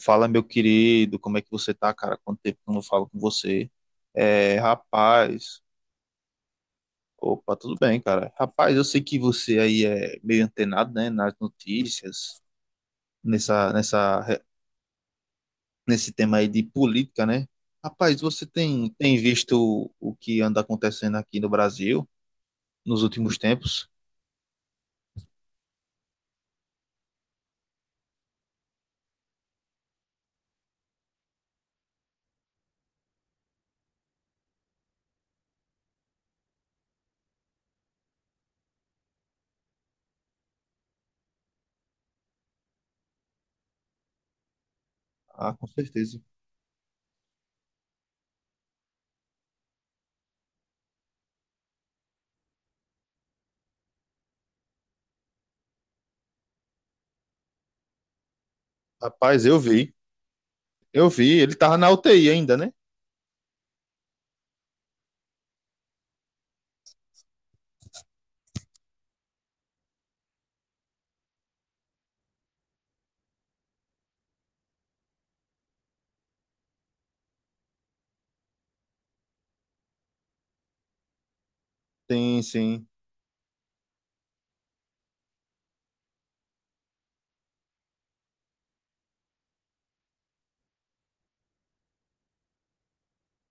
Fala, meu querido, como é que você tá, cara? Quanto tempo que eu não falo com você? É, rapaz, opa, tudo bem, cara. Rapaz, eu sei que você aí é meio antenado, né, nas notícias, nessa, nessa, nesse tema aí de política, né? Rapaz, você tem visto o que anda acontecendo aqui no Brasil nos últimos tempos? Ah, com certeza. Rapaz, eu vi, ele tava na UTI ainda, né? Sim, sim.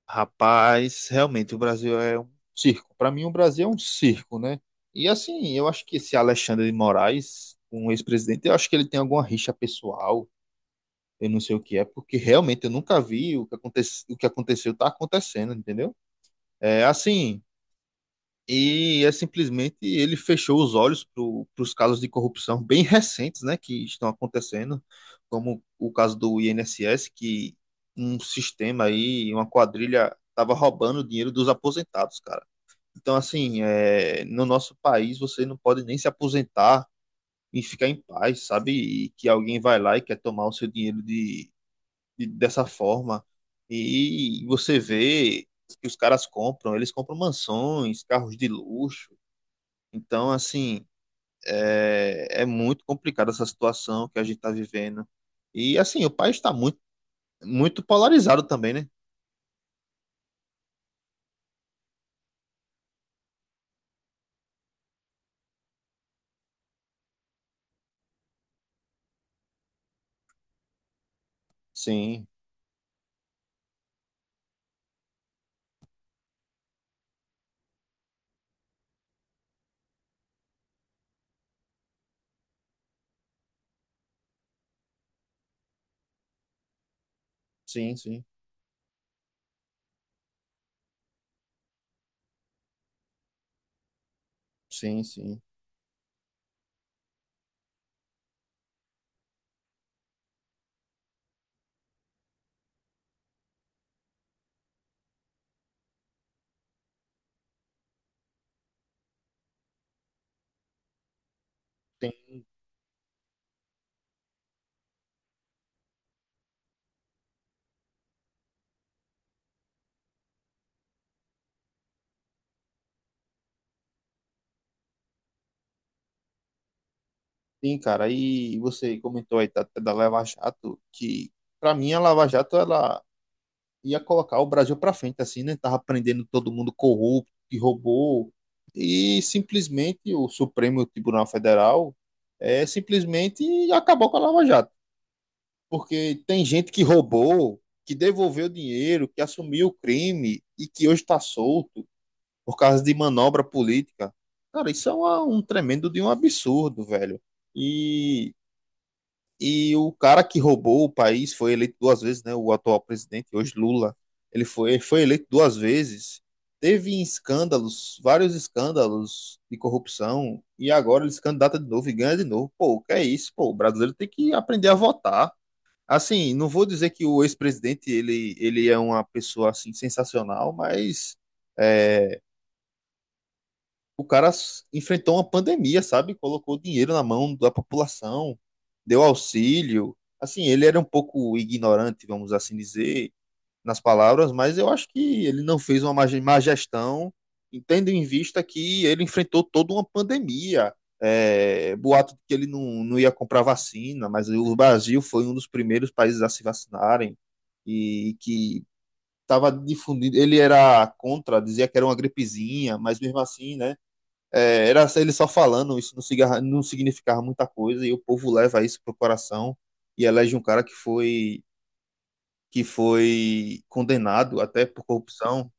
Rapaz, realmente o Brasil é um circo. Para mim, o Brasil é um circo, né? E assim, eu acho que esse Alexandre de Moraes, um ex-presidente, eu acho que ele tem alguma rixa pessoal, eu não sei o que é, porque realmente eu nunca vi o que aconteceu, tá acontecendo, entendeu? É assim. E é simplesmente ele fechou os olhos para os casos de corrupção bem recentes, né, que estão acontecendo, como o caso do INSS, que um sistema aí, uma quadrilha, estava roubando o dinheiro dos aposentados, cara. Então, assim, no nosso país você não pode nem se aposentar e ficar em paz, sabe? E que alguém vai lá e quer tomar o seu dinheiro dessa forma. E você vê que os caras compram, eles compram mansões, carros de luxo então, assim, é muito complicada essa situação que a gente está vivendo. E, assim, o país está muito, muito polarizado também, né? Sim, sim, sim, sim, sim. Tem, sim, cara. E você comentou aí da Lava Jato, que para mim a Lava Jato ela ia colocar o Brasil para frente, assim, né? Tava prendendo todo mundo corrupto, que roubou. E simplesmente o Supremo Tribunal Federal simplesmente acabou com a Lava Jato. Porque tem gente que roubou, que devolveu dinheiro, que assumiu o crime e que hoje está solto por causa de manobra política. Cara, isso é um tremendo de um absurdo, velho. E, e o cara que roubou o país foi eleito duas vezes, né? O atual presidente, hoje Lula, ele foi eleito duas vezes. Teve escândalos, vários escândalos de corrupção, e agora ele se candidata de novo e ganha de novo. Pô, o que é isso? Pô, o brasileiro tem que aprender a votar. Assim, não vou dizer que o ex-presidente ele é uma pessoa assim sensacional, mas é, o cara enfrentou uma pandemia, sabe? Colocou dinheiro na mão da população, deu auxílio. Assim, ele era um pouco ignorante, vamos assim dizer nas palavras, mas eu acho que ele não fez uma má gestão, tendo em vista que ele enfrentou toda uma pandemia. É, boato de que ele não ia comprar vacina, mas o Brasil foi um dos primeiros países a se vacinarem e que estava difundindo. Ele era contra, dizia que era uma gripezinha, mas mesmo assim, né? Era ele só falando, isso não, não significava muita coisa e o povo leva isso pro coração e elege um cara que foi condenado até por corrupção.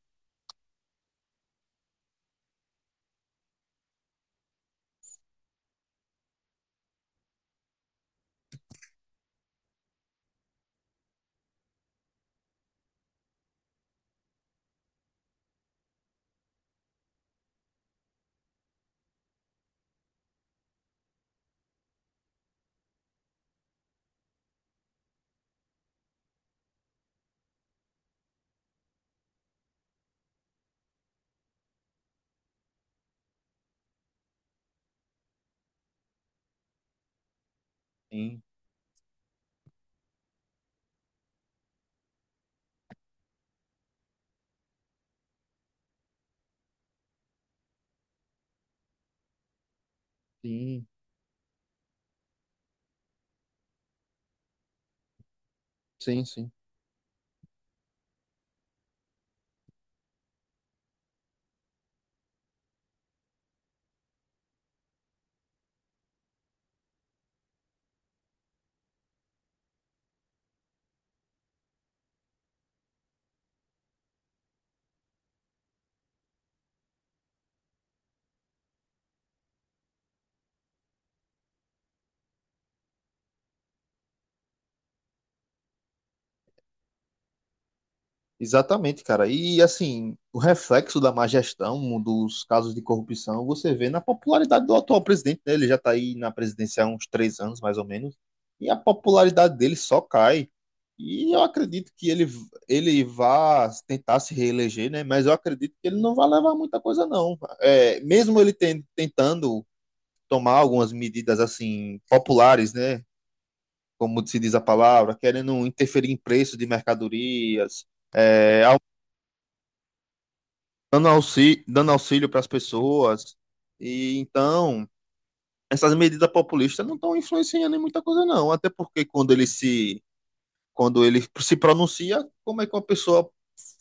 Sim, sim, sim, sim. Exatamente, cara. E assim, o reflexo da má gestão um dos casos de corrupção você vê na popularidade do atual presidente, né? Ele já está aí na presidência há uns 3 anos, mais ou menos, e a popularidade dele só cai. E eu acredito que ele vá tentar se reeleger, né? Mas eu acredito que ele não vai levar muita coisa, não. Mesmo ele tentando tomar algumas medidas assim populares, né? como se diz a palavra, querendo interferir em preço de mercadorias, é, au- dando auxílio para as pessoas. E então, essas medidas populistas não estão influenciando em muita coisa, não. Até porque quando ele se pronuncia, como é que uma pessoa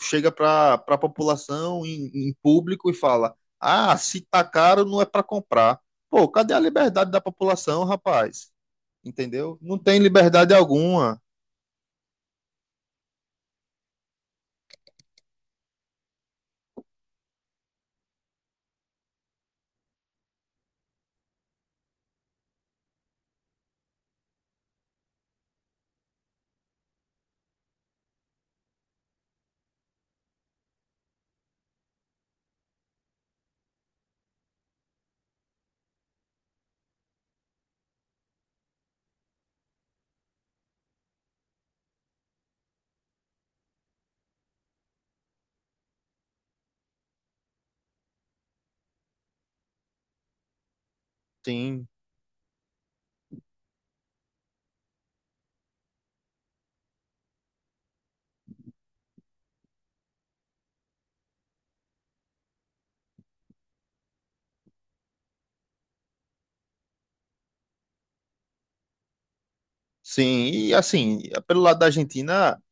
chega para a população em público e fala: Ah, se tá caro, não é para comprar. Pô, cadê a liberdade da população, rapaz? Entendeu? Não tem liberdade alguma. Sim. Sim, e assim, pelo lado da Argentina,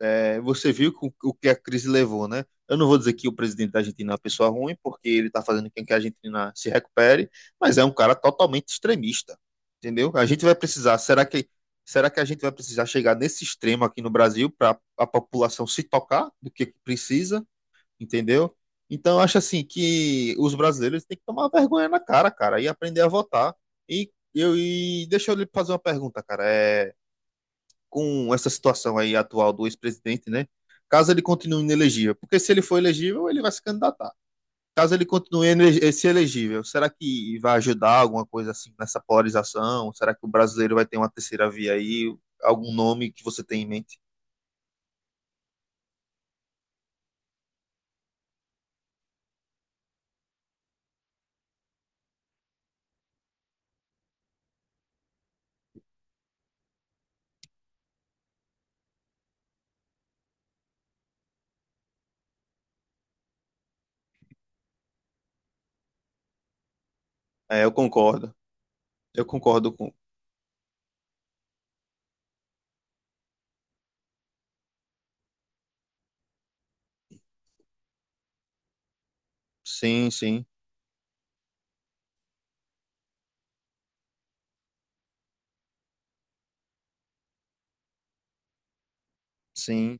você viu o que a crise levou, né? Eu não vou dizer que o presidente da Argentina é uma pessoa ruim, porque ele está fazendo com que a Argentina se recupere, mas é um cara totalmente extremista, entendeu? A gente vai precisar, será que a gente vai precisar chegar nesse extremo aqui no Brasil para a população se tocar do que precisa, entendeu? Então, eu acho assim que os brasileiros têm que tomar vergonha na cara, cara, e aprender a votar. E deixa eu lhe fazer uma pergunta, cara. Com essa situação aí atual do ex-presidente, né? Caso ele continue inelegível, porque se ele for elegível, ele vai se candidatar. Caso ele continue se elegível, será que vai ajudar alguma coisa assim nessa polarização? Será que o brasileiro vai ter uma terceira via aí? Algum nome que você tem em mente? É, eu concordo. Eu concordo com. Sim, sim, sim.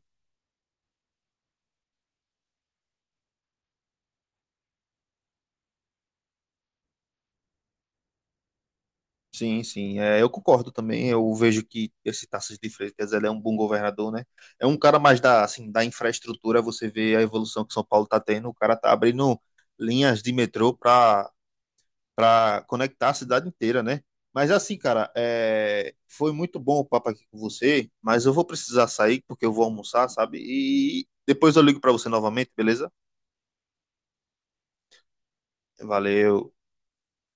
Sim, sim, eu concordo também. Eu vejo que esse Tarcísio de Freitas ele é um bom governador, né? É um cara mais da, assim, da infraestrutura. Você vê a evolução que São Paulo está tendo. O cara tá abrindo linhas de metrô para conectar a cidade inteira, né? Mas assim, cara, foi muito bom o papo aqui com você. Mas eu vou precisar sair porque eu vou almoçar, sabe? E depois eu ligo para você novamente, beleza? Valeu.